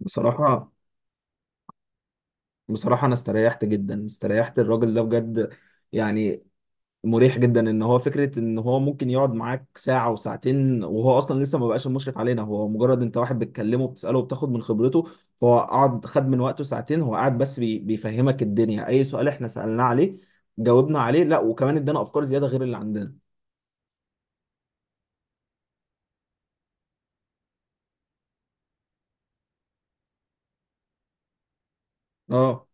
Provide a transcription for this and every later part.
بصراحة بصراحة، أنا استريحت جدا، استريحت. الراجل ده بجد، يعني مريح جدا إن هو فكرة إن هو ممكن يقعد معاك ساعة وساعتين وهو أصلا لسه ما بقاش المشرف علينا، هو مجرد أنت واحد بتكلمه، بتسأله وبتاخد من خبرته. فهو قعد خد من وقته ساعتين، هو قاعد بس بيفهمك الدنيا. أي سؤال إحنا سألناه عليه جاوبنا عليه، لا وكمان إدانا أفكار زيادة غير اللي عندنا. أه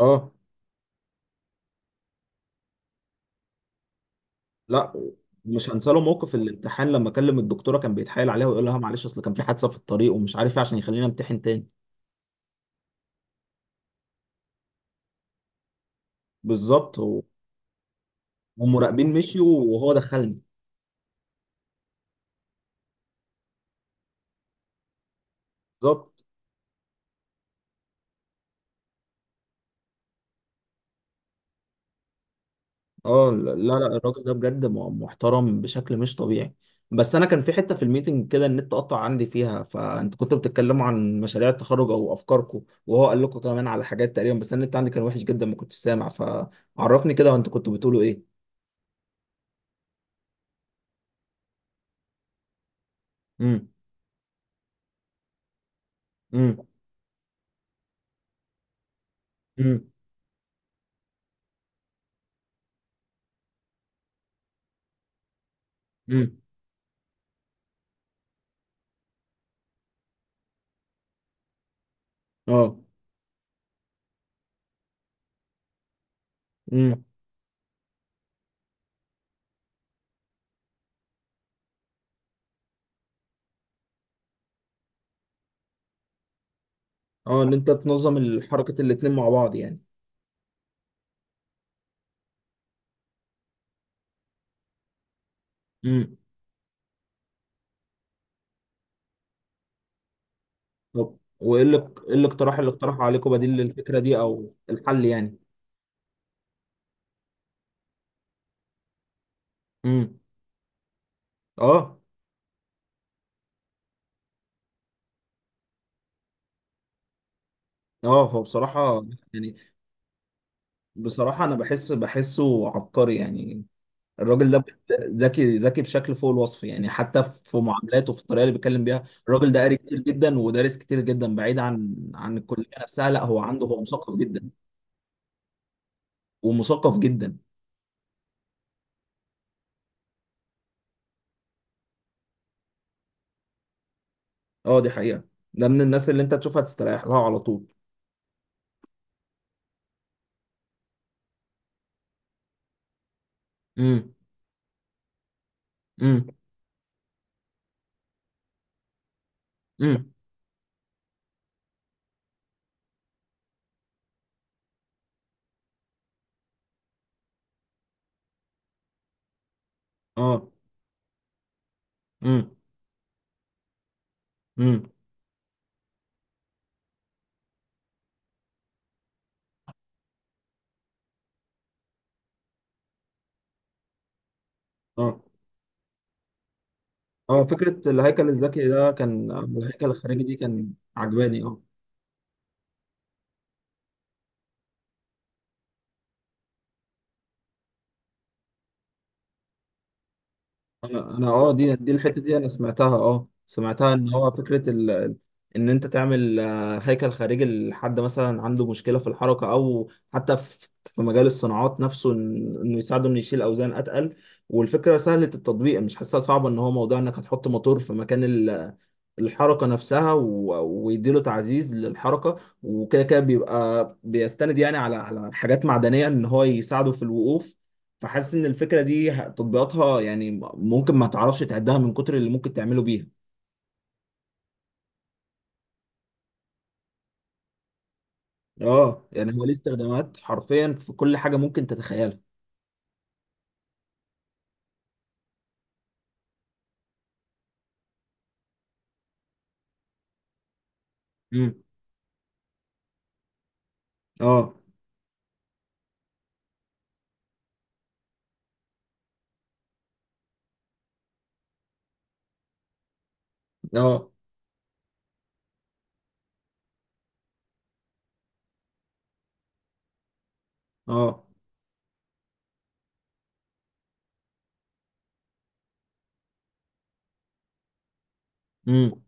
أه. لا، مش هنسى له موقف الامتحان لما كلم الدكتورة كان بيتحايل عليها ويقول لها معلش أصل كان في حادثة في الطريق ومش عارف إيه عشان يخلينا امتحن تاني. بالظبط ومراقبين مشيوا وهو دخلني. بالظبط. اه، لا لا الراجل ده بجد محترم بشكل مش طبيعي. بس انا كان في حته في الميتنج كده النت قطع عندي فيها، فانت كنتوا بتتكلموا عن مشاريع التخرج او افكاركم وهو قال لكم كمان على حاجات تقريبا، بس أنا النت عندي كان وحش جدا، ما كنتش سامع. فعرفني كده، وانت كنتوا بتقولوا ايه؟ امم. امم. امم. امم. اه. امم. اه، ان انت تنظم الحركه الاتنين مع بعض. يعني طب وايه اللي... ايه الاقتراح اللي اقترحه عليكم بديل للفكره دي او الحل يعني؟ امم. اه. اه، هو بصراحه يعني، بصراحه انا بحس، بحسه عبقري يعني. الراجل ده ذكي، ذكي بشكل فوق الوصف يعني. حتى في معاملاته، في الطريقه اللي بيتكلم بيها الراجل ده قاري كتير جدا، ودارس كتير جدا بعيد عن الكليه نفسها. لا هو عنده، هو مثقف جدا، ومثقف جدا. اه دي حقيقه. ده من الناس اللي انت تشوفها تستريح لها على طول. امم. امم. امم. اه. امم. امم. اه. اه، فكرة الهيكل الذكي ده كان، الهيكل الخارجي دي كان عجباني اه. انا اه دي الحتة دي انا سمعتها، اه سمعتها ان هو فكرة ان انت تعمل هيكل خارجي لحد مثلا عنده مشكلة في الحركة، او حتى في مجال الصناعات نفسه، انه يساعده، انه يشيل اوزان اتقل. والفكرة سهلة التطبيق، مش حاسسها صعبة. ان هو موضوع انك هتحط موتور في مكان الحركة نفسها ويديله تعزيز للحركة، وكده كده بيبقى بيستند يعني على حاجات معدنية ان هو يساعده في الوقوف. فحاسس ان الفكرة دي تطبيقاتها يعني ممكن ما تعرفش تعدها من كتر اللي ممكن تعمله بيها. اه يعني هو ليه استخدامات حرفيا في كل حاجة ممكن تتخيلها. امم. اه. اه. اه. امم.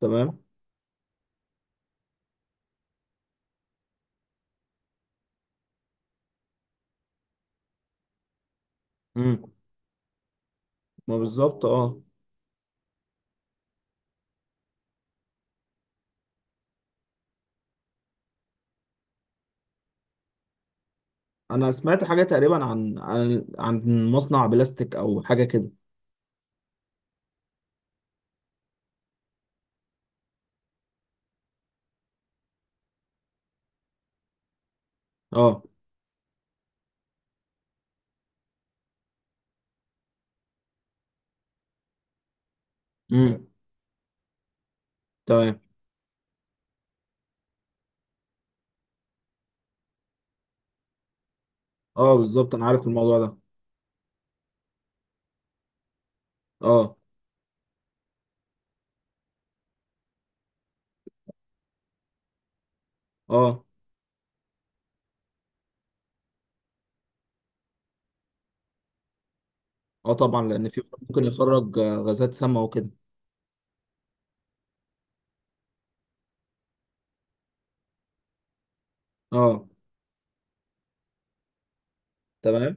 تمام. امم. ما بالظبط اه. انا سمعت حاجة تقريبا عن عن مصنع بلاستيك او حاجة كده. اه. امم. تمام. اه بالظبط، انا عارف الموضوع ده. اه. اه. اه طبعا، لان في ممكن يخرج غازات سامة وكده. اه. تمام.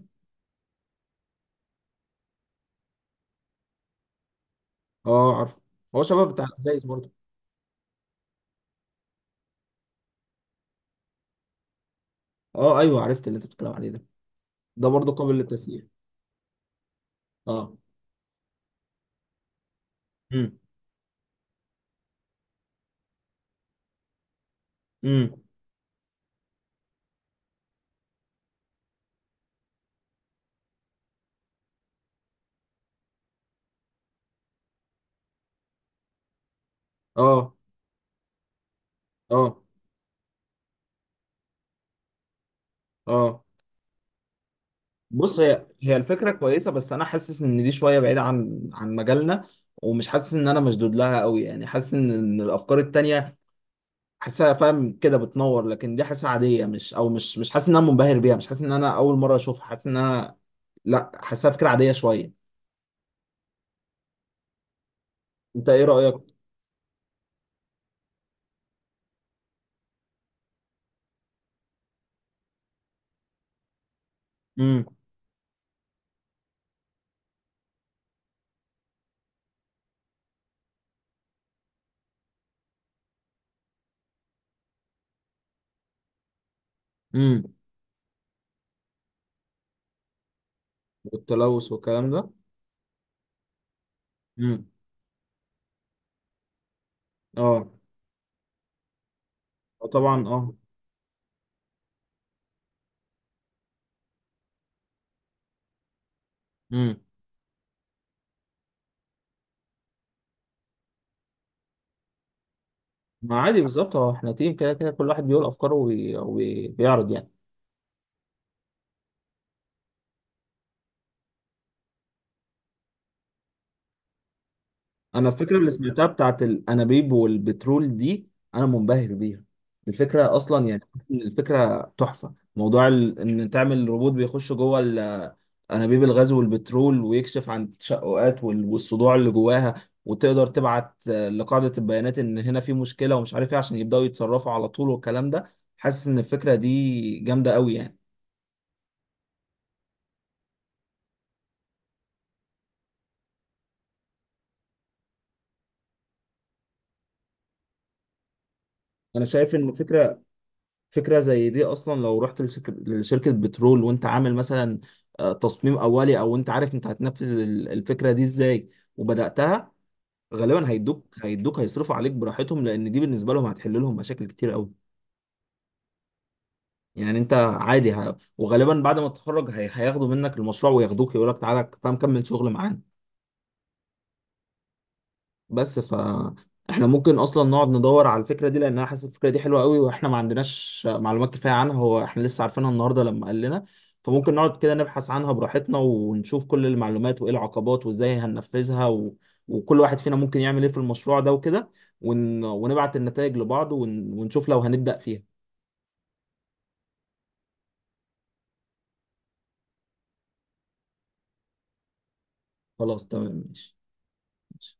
اه عارف. هو شباب بتاع الازايز برضه. اه ايوه، عرفت اللي انت بتتكلم عليه ده. ده برضه قابل للتسيير. اه. امم. امم. اه. اه. اه، بص هي الفكره كويسه، بس انا حاسس ان دي شويه بعيده عن مجالنا، ومش حاسس ان انا مشدود لها قوي يعني. حاسس ان إن الافكار التانيه حاسسها فاهم كده بتنور، لكن دي حاسسها عاديه. مش او مش، مش حاسس ان انا منبهر بيها، مش حاسس ان انا اول مره اشوفها. حاسس ان انا، لا حاسسها فكره عاديه شويه. انت ايه رايك؟ امم. امم. والتلوث والكلام ده. امم. اه. آه طبعا اه. امم. ما عادي بالظبط اه، احنا تيم كده كده كل واحد بيقول افكاره وبيعرض يعني. انا الفكره اللي سمعتها بتاعت الانابيب والبترول دي انا منبهر بيها. الفكره اصلا يعني، الفكره تحفه. موضوع ان تعمل روبوت بيخش جوه انابيب الغاز والبترول ويكشف عن التشققات والصدوع اللي جواها، وتقدر تبعت لقاعده البيانات ان هنا في مشكله ومش عارف ايه عشان يبداوا يتصرفوا على طول والكلام ده. حاسس ان الفكره دي جامده قوي يعني. انا شايف ان الفكره، فكرة زي دي أصلا لو رحت لشركة بترول، وأنت عامل مثلا تصميم أولي، أو أنت عارف أنت هتنفذ الفكرة دي إزاي وبدأتها، غالبا هيدوك هيصرفوا عليك براحتهم، لأن دي بالنسبة لهم هتحل لهم مشاكل كتير أوي. يعني أنت عادي وغالبا بعد ما تتخرج هياخدوا منك المشروع وياخدوك، يقول لك تعالى تعالى نكمل شغل معانا. بس احنا ممكن اصلا نقعد ندور على الفكره دي لانها، حاسس الفكره دي حلوه قوي، واحنا ما عندناش معلومات كفايه عنها. هو احنا لسه عارفينها النهارده لما قال لنا. فممكن نقعد كده نبحث عنها براحتنا ونشوف كل المعلومات وايه العقبات وازاي هننفذها، وكل واحد فينا ممكن يعمل ايه في المشروع ده وكده، ونبعت النتائج لبعض، ونشوف لو هنبدأ فيها. خلاص تمام ماشي. ماشي.